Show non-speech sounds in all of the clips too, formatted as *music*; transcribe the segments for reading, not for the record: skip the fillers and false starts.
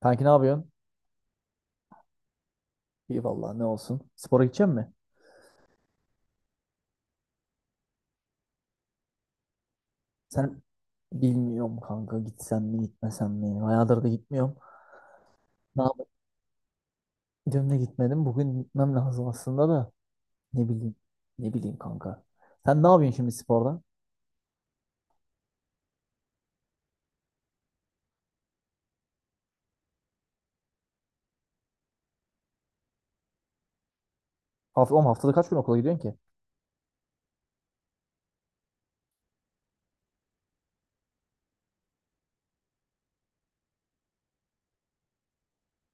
Kanki ne yapıyorsun? İyi vallahi ne olsun. Spora gidecek misin? Sen Bilmiyorum kanka, gitsem mi gitmesem mi? Bayağıdır da gitmiyorum. Ne yapayım? Dün de gitmedim. Bugün gitmem lazım aslında da. Ne bileyim. Ne bileyim kanka. Sen ne yapıyorsun şimdi sporda? Oğlum haftada kaç gün okula gidiyorsun ki?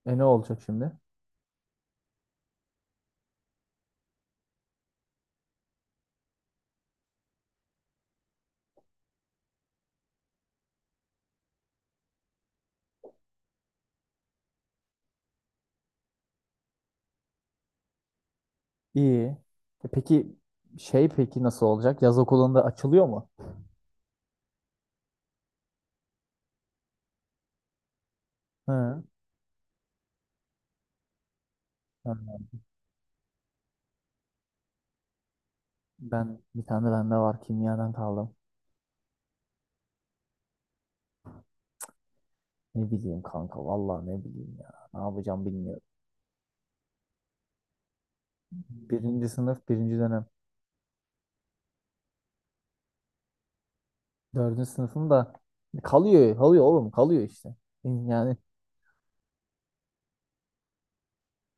E ne olacak şimdi? İyi. E peki peki nasıl olacak? Yaz okulunda açılıyor mu? Hı. Hı. Ben bir tane de bende var, kimyadan kaldım. Ne bileyim kanka, vallahi ne bileyim ya. Ne yapacağım bilmiyorum. Birinci sınıf birinci dönem. Dördüncü sınıfım da kalıyor oğlum, kalıyor işte. Yani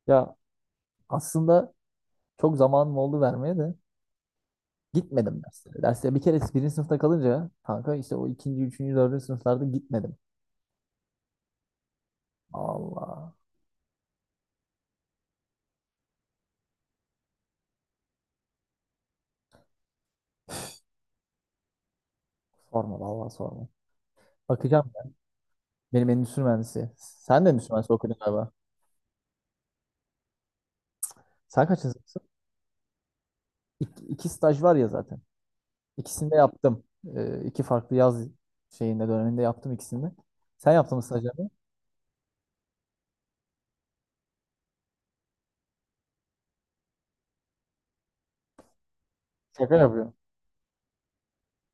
ya aslında çok zamanım oldu vermeye de gitmedim derslere. Derslere bir kere birinci sınıfta kalınca kanka işte o ikinci, üçüncü, dördüncü sınıflarda gitmedim. Allah sorma vallahi sorma. Bakacağım ya. Benim endüstri mühendisi. Sen de endüstri mühendisi okudun galiba. Sen kaçıncısın? İki staj var ya zaten. İkisini de yaptım. İki farklı yaz döneminde yaptım ikisini de. Sen yaptın mı stajyerliği? Şaka yapıyorum.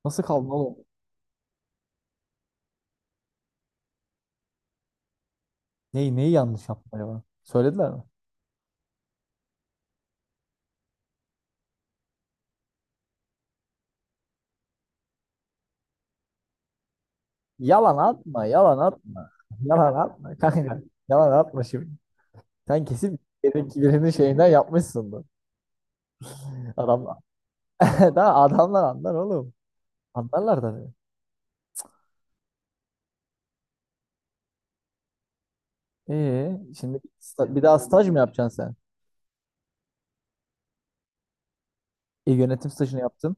Nasıl kaldın oğlum? Neyi yanlış yaptın acaba? Söylediler mi? Yalan atma, yalan atma. Yalan atma kanka. Yalan atma şimdi. Sen kesin birinin şeyinden yapmışsındır. Adamlar. *laughs* Daha adamlar anlar oğlum. Anlarlar tabii. Şimdi bir daha staj mı yapacaksın sen? E, yönetim stajını yaptın.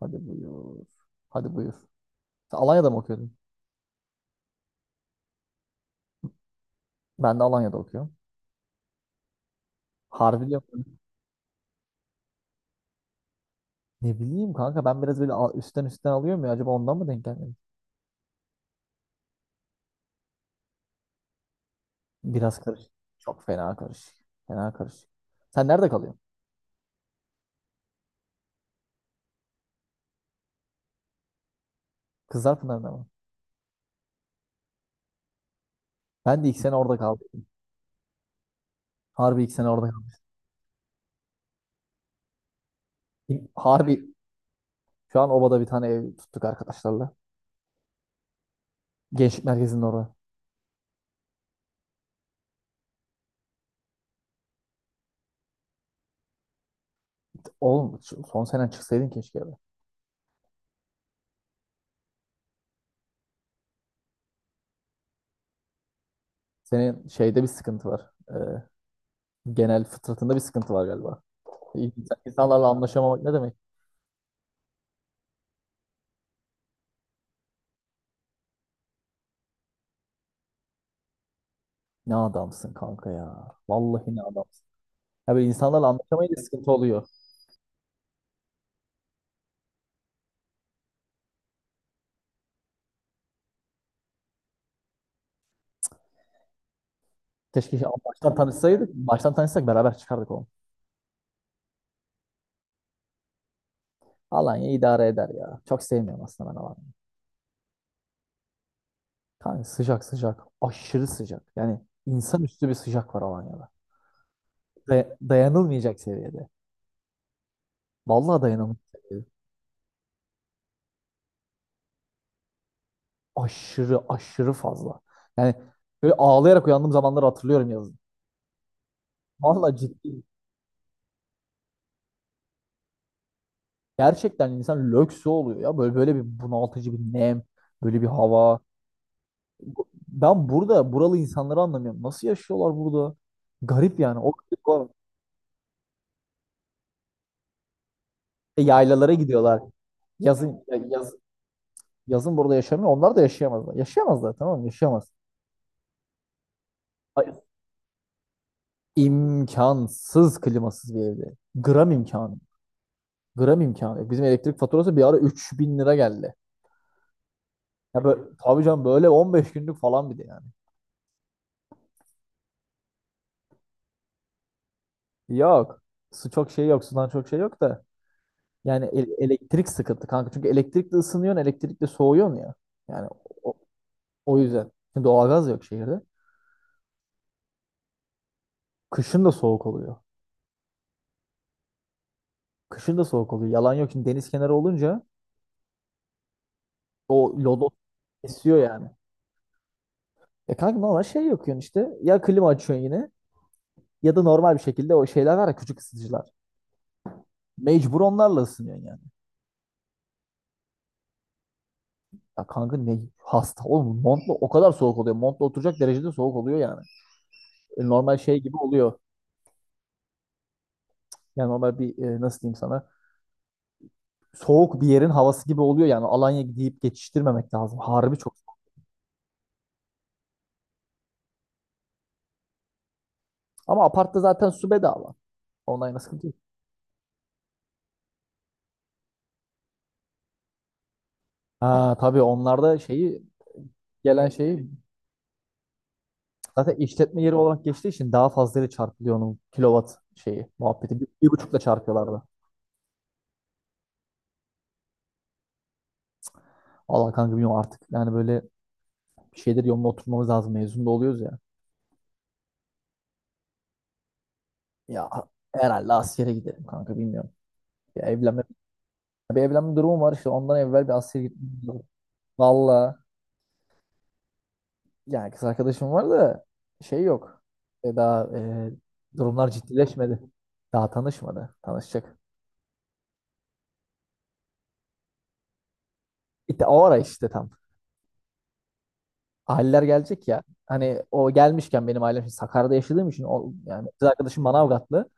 Hadi buyur. Hadi buyur. Sen Alanya'da mı okuyordun? Ben de Alanya'da okuyorum. Harbi diyorum. Ne bileyim kanka, ben biraz böyle üstten alıyorum ya, acaba ondan mı denk gelmedi? Biraz karışık. Çok fena karışık. Fena karışık. Sen nerede kalıyorsun? Kızlarpınar'da mı? Ben de ilk sene orada kaldım. Harbi ilk sene orada kaldım. Harbi şu an obada bir tane ev tuttuk arkadaşlarla. Gençlik merkezinin orada. Oğlum son senen çıksaydın keşke be. Senin şeyde bir sıkıntı var. Genel fıtratında bir sıkıntı var galiba. İnsanlarla anlaşamamak ne demek? Ne adamsın kanka ya. Vallahi ne adam. Ya böyle insanlarla anlaşamayınca sıkıntı oluyor. Keşke baştan tanışsaydık. Baştan tanışsak beraber çıkardık onu. Alanya idare eder ya. Çok sevmiyorum aslında ben Alanya'yı. Kanka sıcak sıcak. Aşırı sıcak. Yani insanüstü bir sıcak var Alanya'da. Dayanılmayacak seviyede. Vallahi dayanılmayacak seviyede. Aşırı aşırı fazla. Yani böyle ağlayarak uyandığım zamanları hatırlıyorum yazın. Vallahi ciddi. Gerçekten insan lökse oluyor ya. Böyle böyle bir bunaltıcı bir nem. Böyle bir hava. Ben burada buralı insanları anlamıyorum. Nasıl yaşıyorlar burada? Garip yani. O garip e, yaylalara gidiyorlar. Yazın yazın burada yaşamıyor. Onlar da yaşayamazlar. Yaşayamazlar, tamam mı? Yaşayamaz. Ay, İmkansız klimasız bir evde. Gram imkanı. Gram imkanı yok. Bizim elektrik faturası bir ara 3.000 lira geldi. Ya böyle, tabii canım, böyle 15 günlük falan bir de yani. Yok. Su çok şey yok. Sudan çok şey yok da. Yani elektrik sıkıntı kanka. Çünkü elektrikle ısınıyorsun, elektrikle soğuyorsun ya. Yani o yüzden. Şimdi doğalgaz yok şehirde. Kışın da soğuk oluyor. Kışın da soğuk oluyor. Yalan yok. Şimdi deniz kenarı olunca o lodo esiyor yani. E kanka normal şey yakıyorsun işte. Ya klima açıyorsun yine ya da normal bir şekilde o şeyler var ya, küçük ısıtıcılar. Mecbur onlarla ısınıyorsun yani. Ya kanka ne hasta oğlum, montla o kadar soğuk oluyor. Montla oturacak derecede soğuk oluyor yani. Normal şey gibi oluyor. Yani normal bir nasıl diyeyim sana, soğuk bir yerin havası gibi oluyor yani. Alanya deyip geçiştirmemek lazım. Harbi çok. Ama apartta zaten su bedava. Online nasıl. Ha, tabii onlarda şeyi, gelen şeyi zaten işletme yeri olarak geçtiği için daha fazlayla çarpılıyor onun kilowatt şeyi muhabbeti. Bir buçukla çarpıyorlardı. Allah kanka bilmiyorum artık. Yani böyle bir şeyleri yoluna oturmamız lazım. Mezun da oluyoruz ya. Ya herhalde askere gidelim kanka, bilmiyorum. Bir evlenme, bir evlenme durumu var işte, ondan evvel bir askere gitmemiz lazım. Valla yani kız arkadaşım var da şey yok. Daha durumlar ciddileşmedi. Daha tanışmadı. Tanışacak. İşte o ara işte tam aileler gelecek ya. Hani o gelmişken benim ailem şimdi Sakarya'da yaşadığım için, o yani kız arkadaşım Manavgatlı,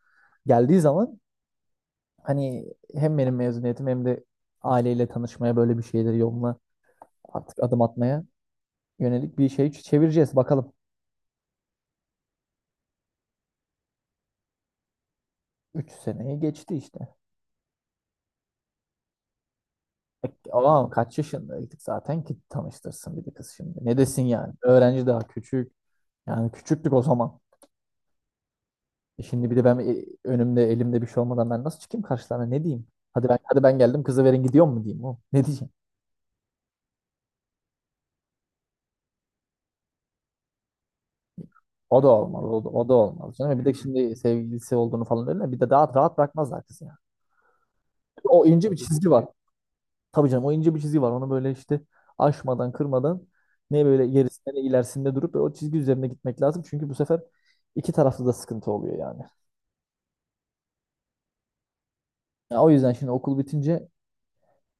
geldiği zaman hani hem benim mezuniyetim hem de aileyle tanışmaya, böyle bir şeyleri yoluna, artık adım atmaya yönelik bir şey çevireceğiz bakalım. Üç seneyi geçti işte. Ama kaç yaşındaydık zaten ki tanıştırsın bir de kız şimdi. Ne desin yani? Öğrenci, daha küçük. Yani küçüktük o zaman. E şimdi bir de ben önümde elimde bir şey olmadan ben nasıl çıkayım karşılarına, ne diyeyim? Hadi ben, hadi ben geldim kızı verin gidiyor mu diyeyim o. Ne diyeceğim? O da olmaz. O da olmaz canım. E, bir de şimdi sevgilisi olduğunu falan, öyle bir de daha rahat bırakmazlar kızı ya. O ince bir çizgi var. Tabii canım, o ince bir çizgi var. Onu böyle işte aşmadan kırmadan, ne böyle gerisinde ne ilerisinde durup o çizgi üzerinde gitmek lazım. Çünkü bu sefer iki tarafta da sıkıntı oluyor yani. Ya o yüzden şimdi okul bitince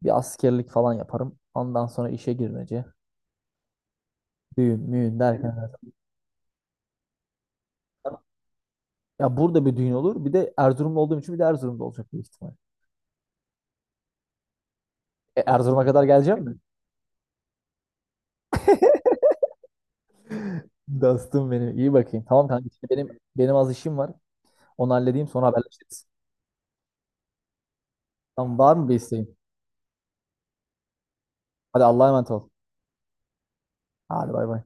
bir askerlik falan yaparım. Ondan sonra işe girmece, düğün, müğün derken. Ya burada bir düğün olur. Bir de Erzurumlu olduğum için bir de Erzurum'da olacak büyük ihtimal. E, Erzurum'a kadar geleceğim mi? *laughs* Dostum benim. İyi bakayım. Tamam kanka. Şimdi benim az işim var. Onu halledeyim sonra haberleşiriz. Tamam, var mı bir isteğin? Hadi Allah'a emanet ol. Hadi bay bay.